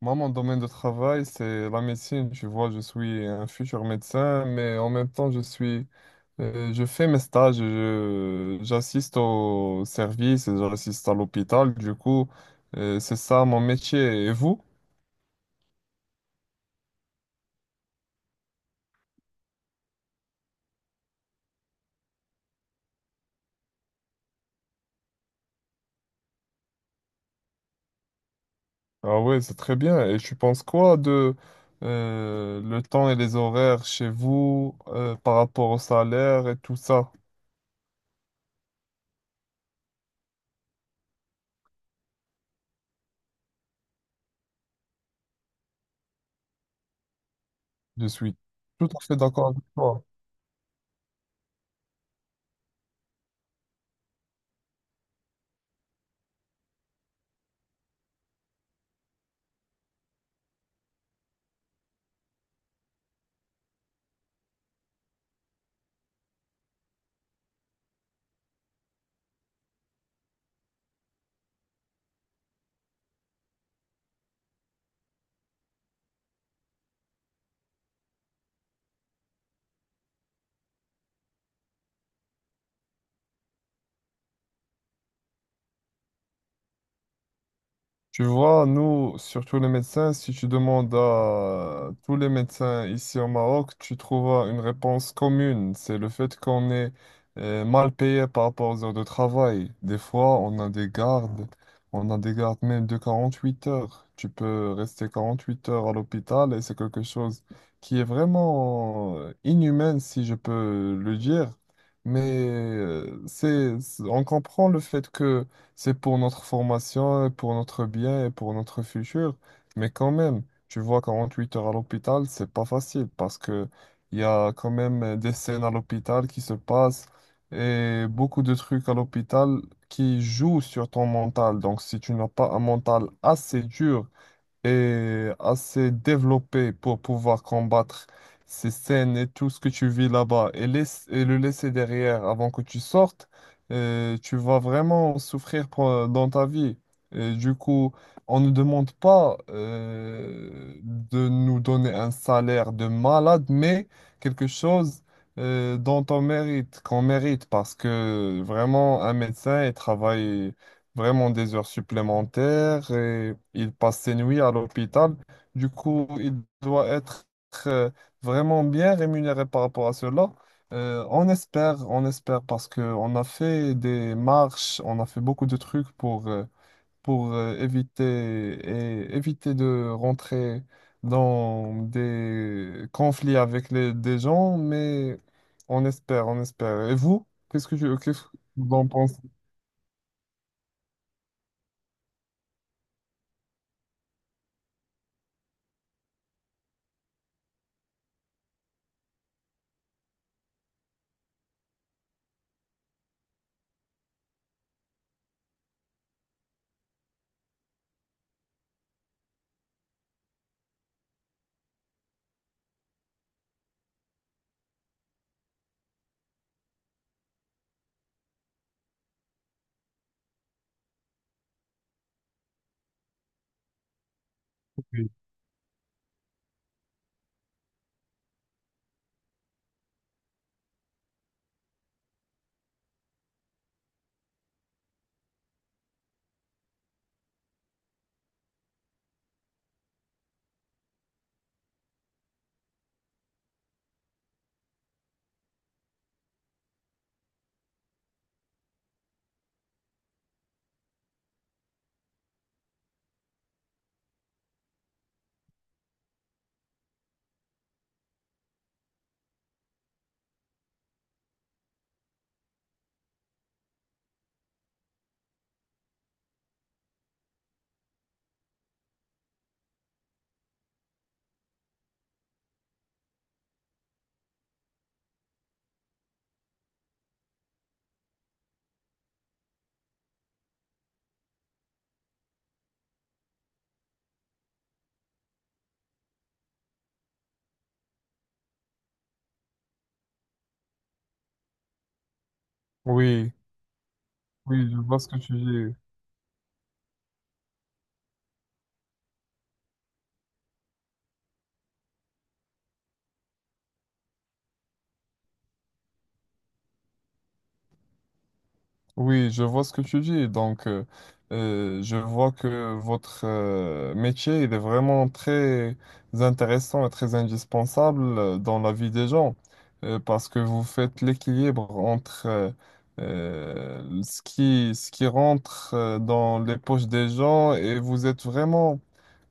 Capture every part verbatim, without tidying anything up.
Moi, mon domaine de travail, c'est la médecine. Tu vois, je suis un futur médecin, mais en même temps, je suis, euh, je fais mes stages, je- j'assiste au service, et j'assiste à l'hôpital. Du coup, euh, c'est ça mon métier. Et vous? Ah ouais, c'est très bien. Et tu penses quoi de euh, le temps et les horaires chez vous euh, par rapport au salaire et tout ça? Je suis tout à fait d'accord avec toi. Tu vois, nous, surtout les médecins, si tu demandes à tous les médecins ici au Maroc, tu trouveras une réponse commune. C'est le fait qu'on est euh, mal payé par rapport aux heures de travail. Des fois, on a des gardes, on a des gardes même de quarante-huit heures. Tu peux rester quarante-huit heures à l'hôpital et c'est quelque chose qui est vraiment euh, inhumain, si je peux le dire. Mais euh, c'est, c'est- on comprend le fait que c'est pour notre formation, pour notre bien et pour notre futur. Mais quand même, tu vois, quarante-huit heures à l'hôpital, c'est pas facile parce que il y a quand même euh, des scènes à l'hôpital qui se passent et beaucoup de trucs à l'hôpital qui jouent sur ton mental. Donc, si tu n'as pas un mental assez dur est assez développée pour pouvoir combattre ces scènes et tout ce que tu vis là-bas et, laisse- et le laisser derrière avant que tu sortes, euh, tu vas vraiment souffrir pour- dans ta vie. Et du coup, on ne demande pas euh, de nous donner un salaire de malade, mais quelque chose euh, dont on mérite, qu'on mérite, parce que vraiment, un médecin, il travaille vraiment des heures supplémentaires et il passe ses nuits à l'hôpital. Du coup, il doit être euh, vraiment bien rémunéré par rapport à cela. Euh, on espère, on espère parce qu'on a fait des marches, on a fait beaucoup de trucs pour, euh, pour euh, éviter, et éviter de rentrer dans des conflits avec les, des gens, mais on espère, on espère. Et vous, qu'est-ce que tu, qu'est-ce que vous en pensez? Oui. Oui, je vois ce que tu dis. Oui, je vois ce que tu dis. Donc, euh, euh, je vois que votre euh, métier, il est vraiment très intéressant et très indispensable euh, dans la vie des gens, euh, parce que vous faites l'équilibre entre euh, euh, ce qui, ce qui rentre euh, dans les poches des gens et vous êtes vraiment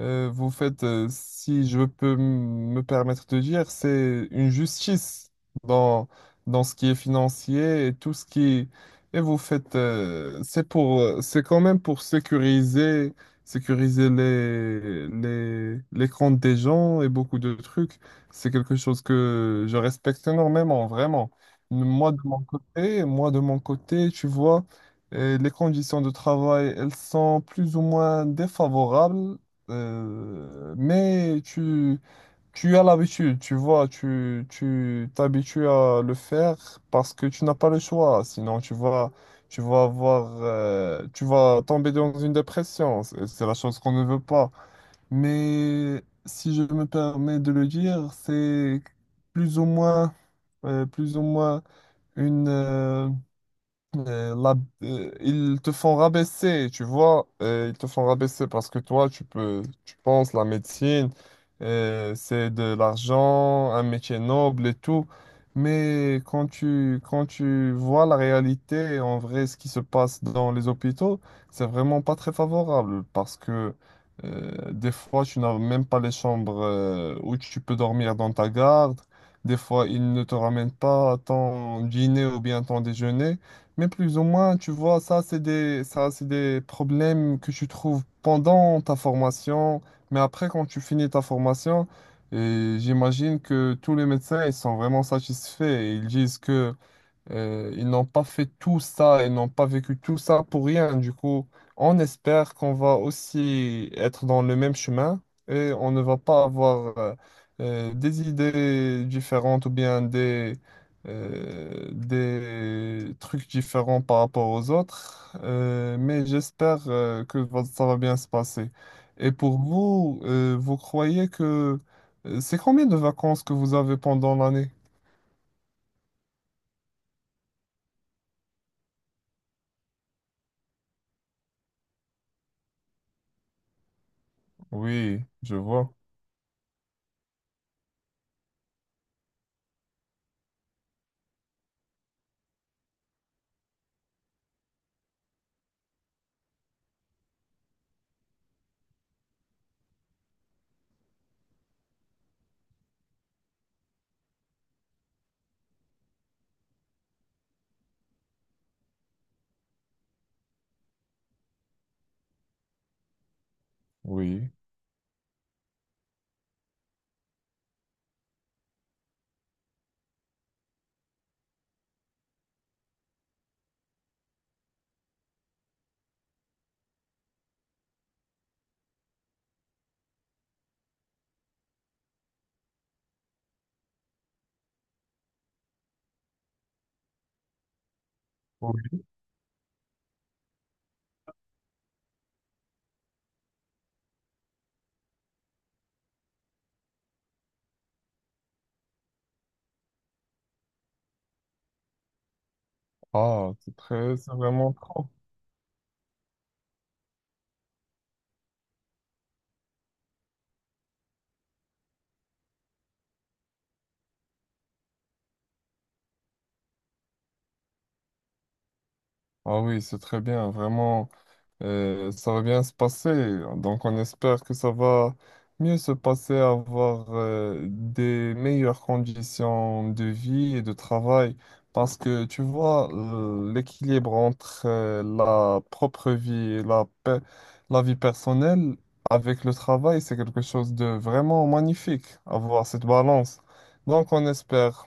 Euh, vous faites, euh, si je peux m- me permettre de dire, c'est une justice dans, dans ce qui est financier et tout ce qui... Et vous faites, euh, c'est pour, euh, c'est quand même pour sécuriser, sécuriser les, les, les comptes des gens et beaucoup de trucs. C'est quelque chose que je respecte énormément, vraiment. Moi de mon côté, moi de mon côté, tu vois, euh, les conditions de travail, elles sont plus ou moins défavorables euh, mais tu, tu as l'habitude, tu vois, tu, tu t'habitues à le faire parce que tu n'as pas le choix. Sinon, tu vas, tu vas avoir, euh, tu vas tomber dans une dépression. C'est c'est la chose qu'on ne veut pas. Mais si je me permets de le dire, c'est plus ou moins, euh, plus ou moins une, euh, euh, la- euh, ils te font rabaisser, tu vois, euh, ils te font rabaisser parce que toi, tu peux, tu penses la médecine, euh, c'est de l'argent, un métier noble et tout. Mais quand tu, quand tu vois la réalité, en vrai, ce qui se passe dans les hôpitaux, c'est vraiment pas très favorable parce que euh, des fois, tu n'as même pas les chambres euh, où tu peux dormir dans ta garde. Des fois, ils ne te ramènent pas ton dîner ou bien ton déjeuner. Mais plus ou moins, tu vois, ça, c'est des, ça, c'est des problèmes que tu trouves pendant ta formation. Mais après, quand tu finis ta formation, et j'imagine que tous les médecins, ils sont vraiment satisfaits. Ils disent que euh, ils n'ont pas fait tout ça, ils n'ont pas vécu tout ça pour rien. Du coup, on espère qu'on va aussi être dans le même chemin et on ne va pas avoir euh, euh, des idées différentes ou bien des, euh, des trucs différents par rapport aux autres. Euh, mais j'espère euh, que va- ça va bien se passer. Et pour vous, euh, vous croyez que... euh, C'est combien de vacances que vous avez pendant l'année? Oui, je vois. Oui. Oui. Ah, c'est très, c'est vraiment trop. Ah oui, c'est très bien, vraiment, euh, ça va bien se passer. Donc, on espère que ça va mieux se passer, avoir euh, des meilleures conditions de vie et de travail. Parce que, tu vois, euh, l'équilibre entre euh, la propre vie et la, pe- la vie personnelle avec le travail, c'est quelque chose de vraiment magnifique, avoir cette balance. Donc, on espère.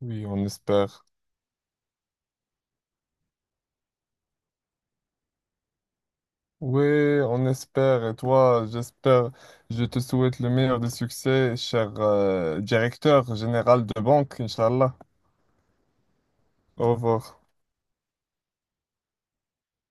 Oui, on espère. Oui, on espère. Et toi, j'espère, je te souhaite le meilleur des succès, cher euh, directeur général de banque, Inch'Allah. Au revoir.